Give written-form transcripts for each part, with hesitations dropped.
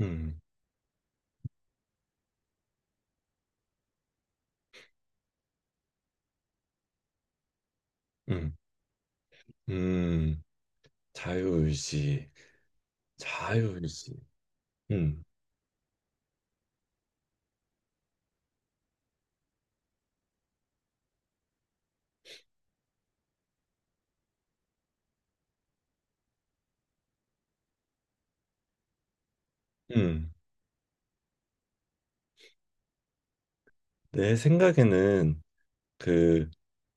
음, 음, 음, 자유의지, 자유의지. 음, 음. 내 생각에는 그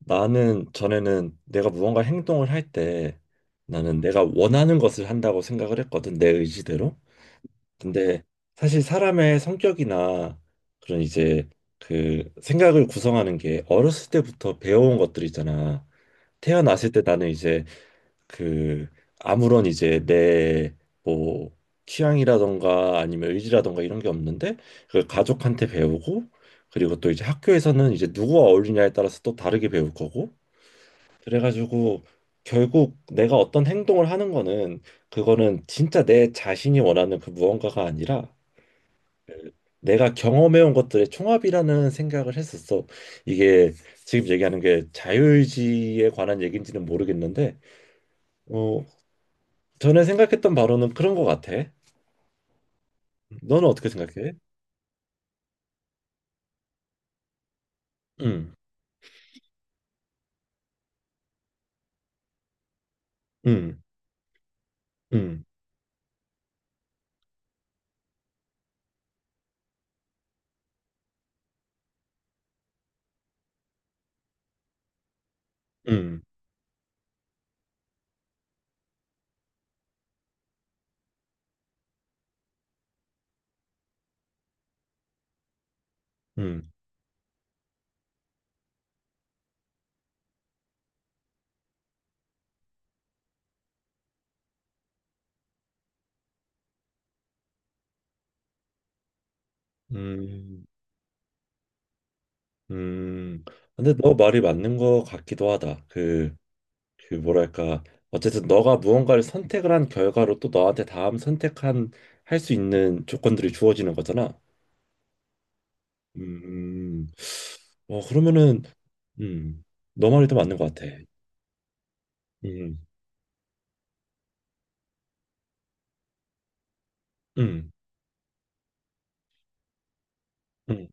나는 전에는 내가 무언가 행동을 할 때 나는 내가 원하는 것을 한다고 생각을 했거든, 내 의지대로. 근데 사실 사람의 성격이나 그런 이제 그 생각을 구성하는 게 어렸을 때부터 배워온 것들이잖아. 태어났을 때 나는 이제 그 아무런 이제 내 뭐 취향이라던가 아니면 의지라던가 이런 게 없는데 그걸 가족한테 배우고 그리고 또 이제 학교에서는 이제 누구와 어울리냐에 따라서 또 다르게 배울 거고 그래가지고 결국 내가 어떤 행동을 하는 거는 그거는 진짜 내 자신이 원하는 그 무언가가 아니라 내가 경험해온 것들의 총합이라는 생각을 했었어. 이게 지금 얘기하는 게 자유의지에 관한 얘기인지는 모르겠는데 어, 전에 생각했던 바로는 그런 것 같아. 너는 어떻게 생각해? 응, 응, 응, 응, 응, 응, 응. 근데 너 말이 맞는 것 같기도 하다. 그 뭐랄까. 어쨌든 너가 무언가를 선택을 한 결과로 또 너한테 다음 선택한 할 수 있는 조건들이 주어지는 거잖아. 음, 그러면은, 음, 너 말이 더 맞는 것 같아. 음, 음, 음.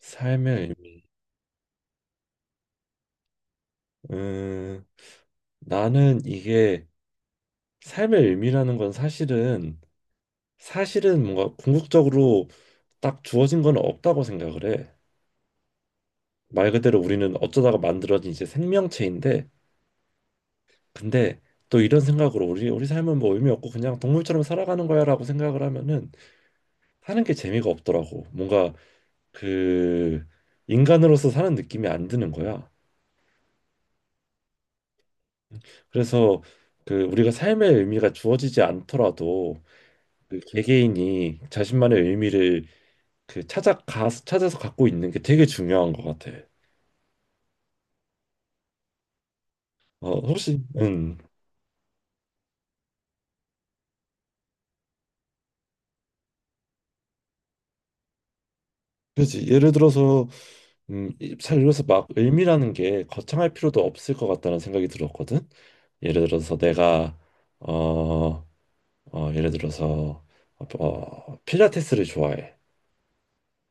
삶의 의미. 음, 나는 이게 삶의 의미라는 건 사실은 뭔가 궁극적으로 딱 주어진 건 없다고 생각을 해. 말 그대로 우리는 어쩌다가 만들어진 이제 생명체인데 근데 또 이런 생각으로 우리 삶은 뭐 의미 없고 그냥 동물처럼 살아가는 거야라고 생각을 하면은 사는 게 재미가 없더라고. 뭔가 그 인간으로서 사는 느낌이 안 드는 거야. 그래서 그 우리가 삶의 의미가 주어지지 않더라도 그 개개인이 자신만의 의미를 그 찾아가 찾아서 갖고 있는 게 되게 중요한 것 같아. 혹시 그렇지. 예를 들어서 음잘 읽어서 막 의미라는 게 거창할 필요도 없을 것 같다는 생각이 들었거든. 예를 들어서 내가 어, 예를 들어서 필라테스를 좋아해.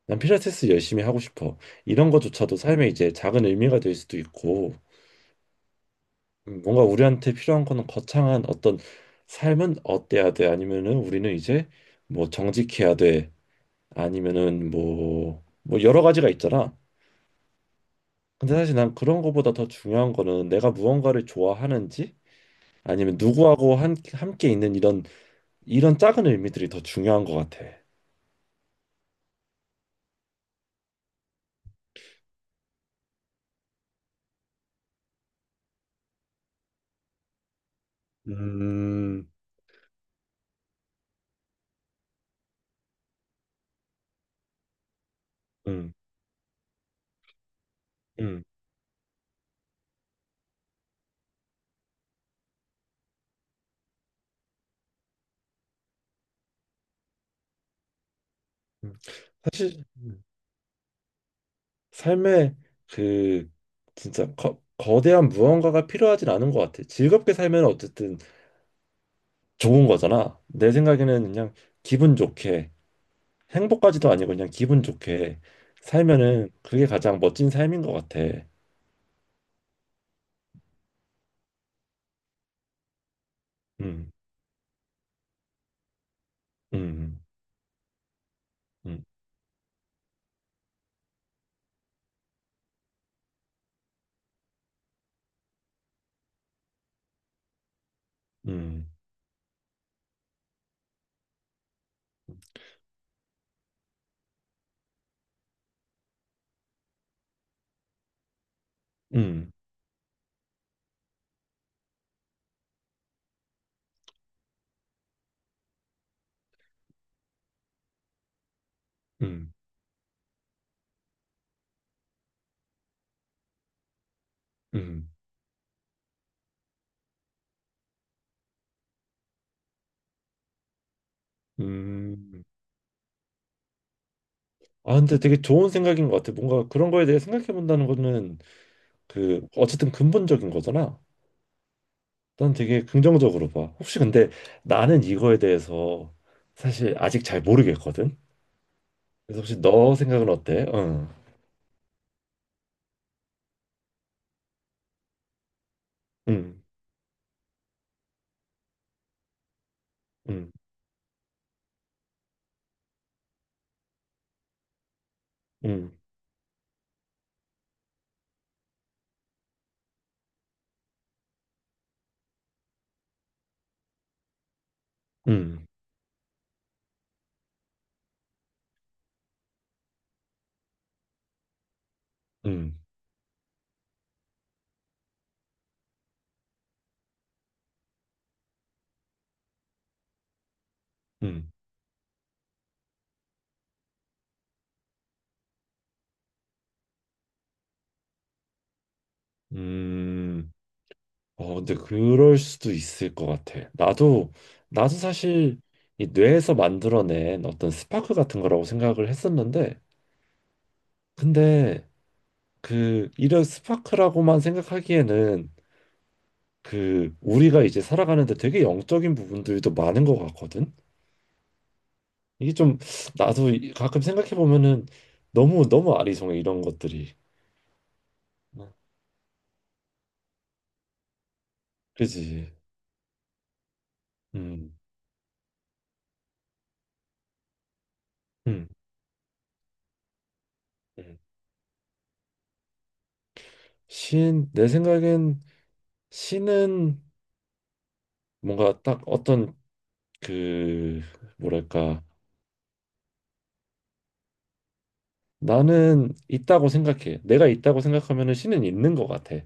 난 필라테스 열심히 하고 싶어. 이런 것조차도 삶에 이제 작은 의미가 될 수도 있고 뭔가 우리한테 필요한 거는 거창한 어떤 삶은 어때야 돼 아니면은 우리는 이제 뭐 정직해야 돼 아니면은 뭐, 뭐 여러 가지가 있잖아. 근데 사실 난 그런 거보다 더 중요한 거는 내가 무언가를 좋아하는지 아니면 누구하고 함께 있는 이런 작은 의미들이 더 중요한 것 같아. 음, 음, 음, 음. 사실 삶에 그 진짜 거대한 무언가가 필요하진 않은 것 같아. 즐겁게 살면 어쨌든 좋은 거잖아. 내 생각에는 그냥 기분 좋게 행복까지도 아니고 그냥 기분 좋게 살면은 그게 가장 멋진 삶인 것 같아. 음, 음, 음, 음, 음, 음, 음, 음. 아, 근데 되게 좋은 생각인 것 같아. 뭔가 그런 거에 대해 생각해 본다는 거는 그 어쨌든 근본적인 거잖아. 난 되게 긍정적으로 봐. 혹시 근데 나는 이거에 대해서 사실 아직 잘 모르겠거든. 그래서 혹시 너 생각은 어때? 응, 응, 응, 응, 응, 응, 응, 응. 어, 근데 그럴 수도 있을 것 같아. 나도 사실 이 뇌에서 만들어낸 어떤 스파크 같은 거라고 생각을 했었는데, 근데 그 이런 스파크라고만 생각하기에는 그 우리가 이제 살아가는데 되게 영적인 부분들도 많은 것 같거든. 이게 좀 나도 가끔 생각해 보면은 너무 너무 아리송해 이런 것들이. 어, 그지. 음, 음, 음. 신, 내 생각엔 신은 뭔가 딱 어떤 그 뭐랄까 나는 있다고 생각해. 내가 있다고 생각하면은 신은 있는 것 같아.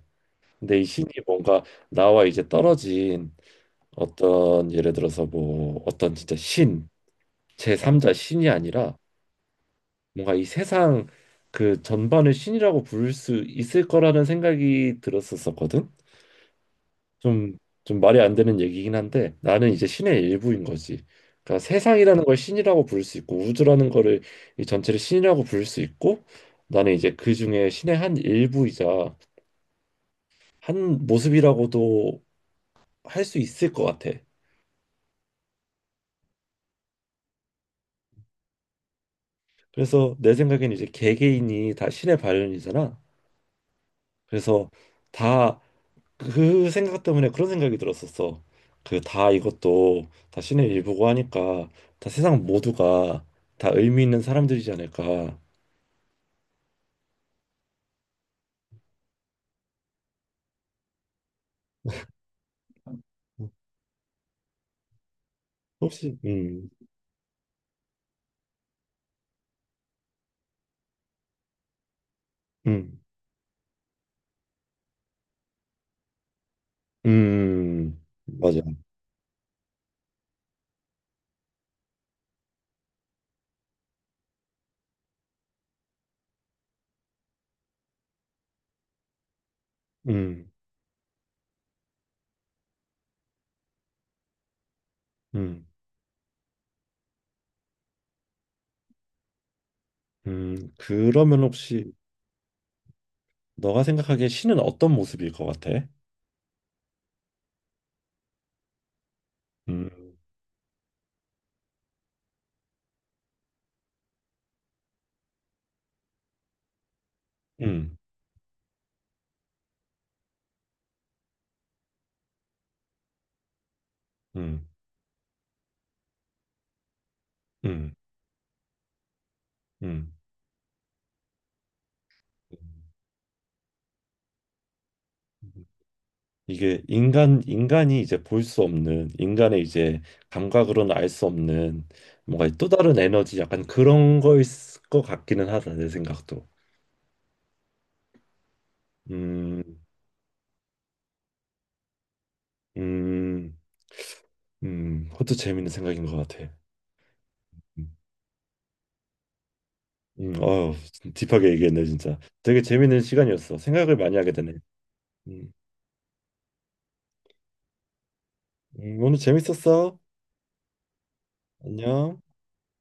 근데 이 신이 뭔가 나와 이제 떨어진 어떤 예를 들어서 뭐 어떤 진짜 신, 제3자 신이 아니라 뭔가 이 세상 그 전반을 신이라고 부를 수 있을 거라는 생각이 들었었거든. 좀, 좀 말이 안 되는 얘기긴 한데 나는 이제 신의 일부인 거지. 그러니까 세상이라는 걸 신이라고 부를 수 있고 우주라는 거를 이 전체를 신이라고 부를 수 있고 나는 이제 그 중에 신의 한 일부이자 한 모습이라고도 할 수 있을 것 같아. 그래서 내 생각엔 이제 개개인이 다 신의 발현이잖아. 그래서 다 그 생각 때문에 그런 생각이 들었었어. 그 다 이것도 다 신의 일부고 하니까 다 세상 모두가 다 의미 있는 사람들이지 않을까. 혹시 음, 맞아. 음, 음, 그러면 혹시 너가 생각하기에 신은 어떤 모습일 것 같아? 음, 음, 음, 음, 음. 음. 이게 인간이 이제 볼 수 없는 인간의 이제 감각으로는 알 수 없는 뭔가 또 다른 에너지 약간 그런 거일 것 같기는 하다 내 생각도. 음, 음, 그것도 재밌는 생각인 것 같아. 음. 어우, 딥하게 얘기했네, 진짜. 되게 재밌는 시간이었어. 생각을 많이 하게 되네. 음, 오늘 재밌었어. 안녕.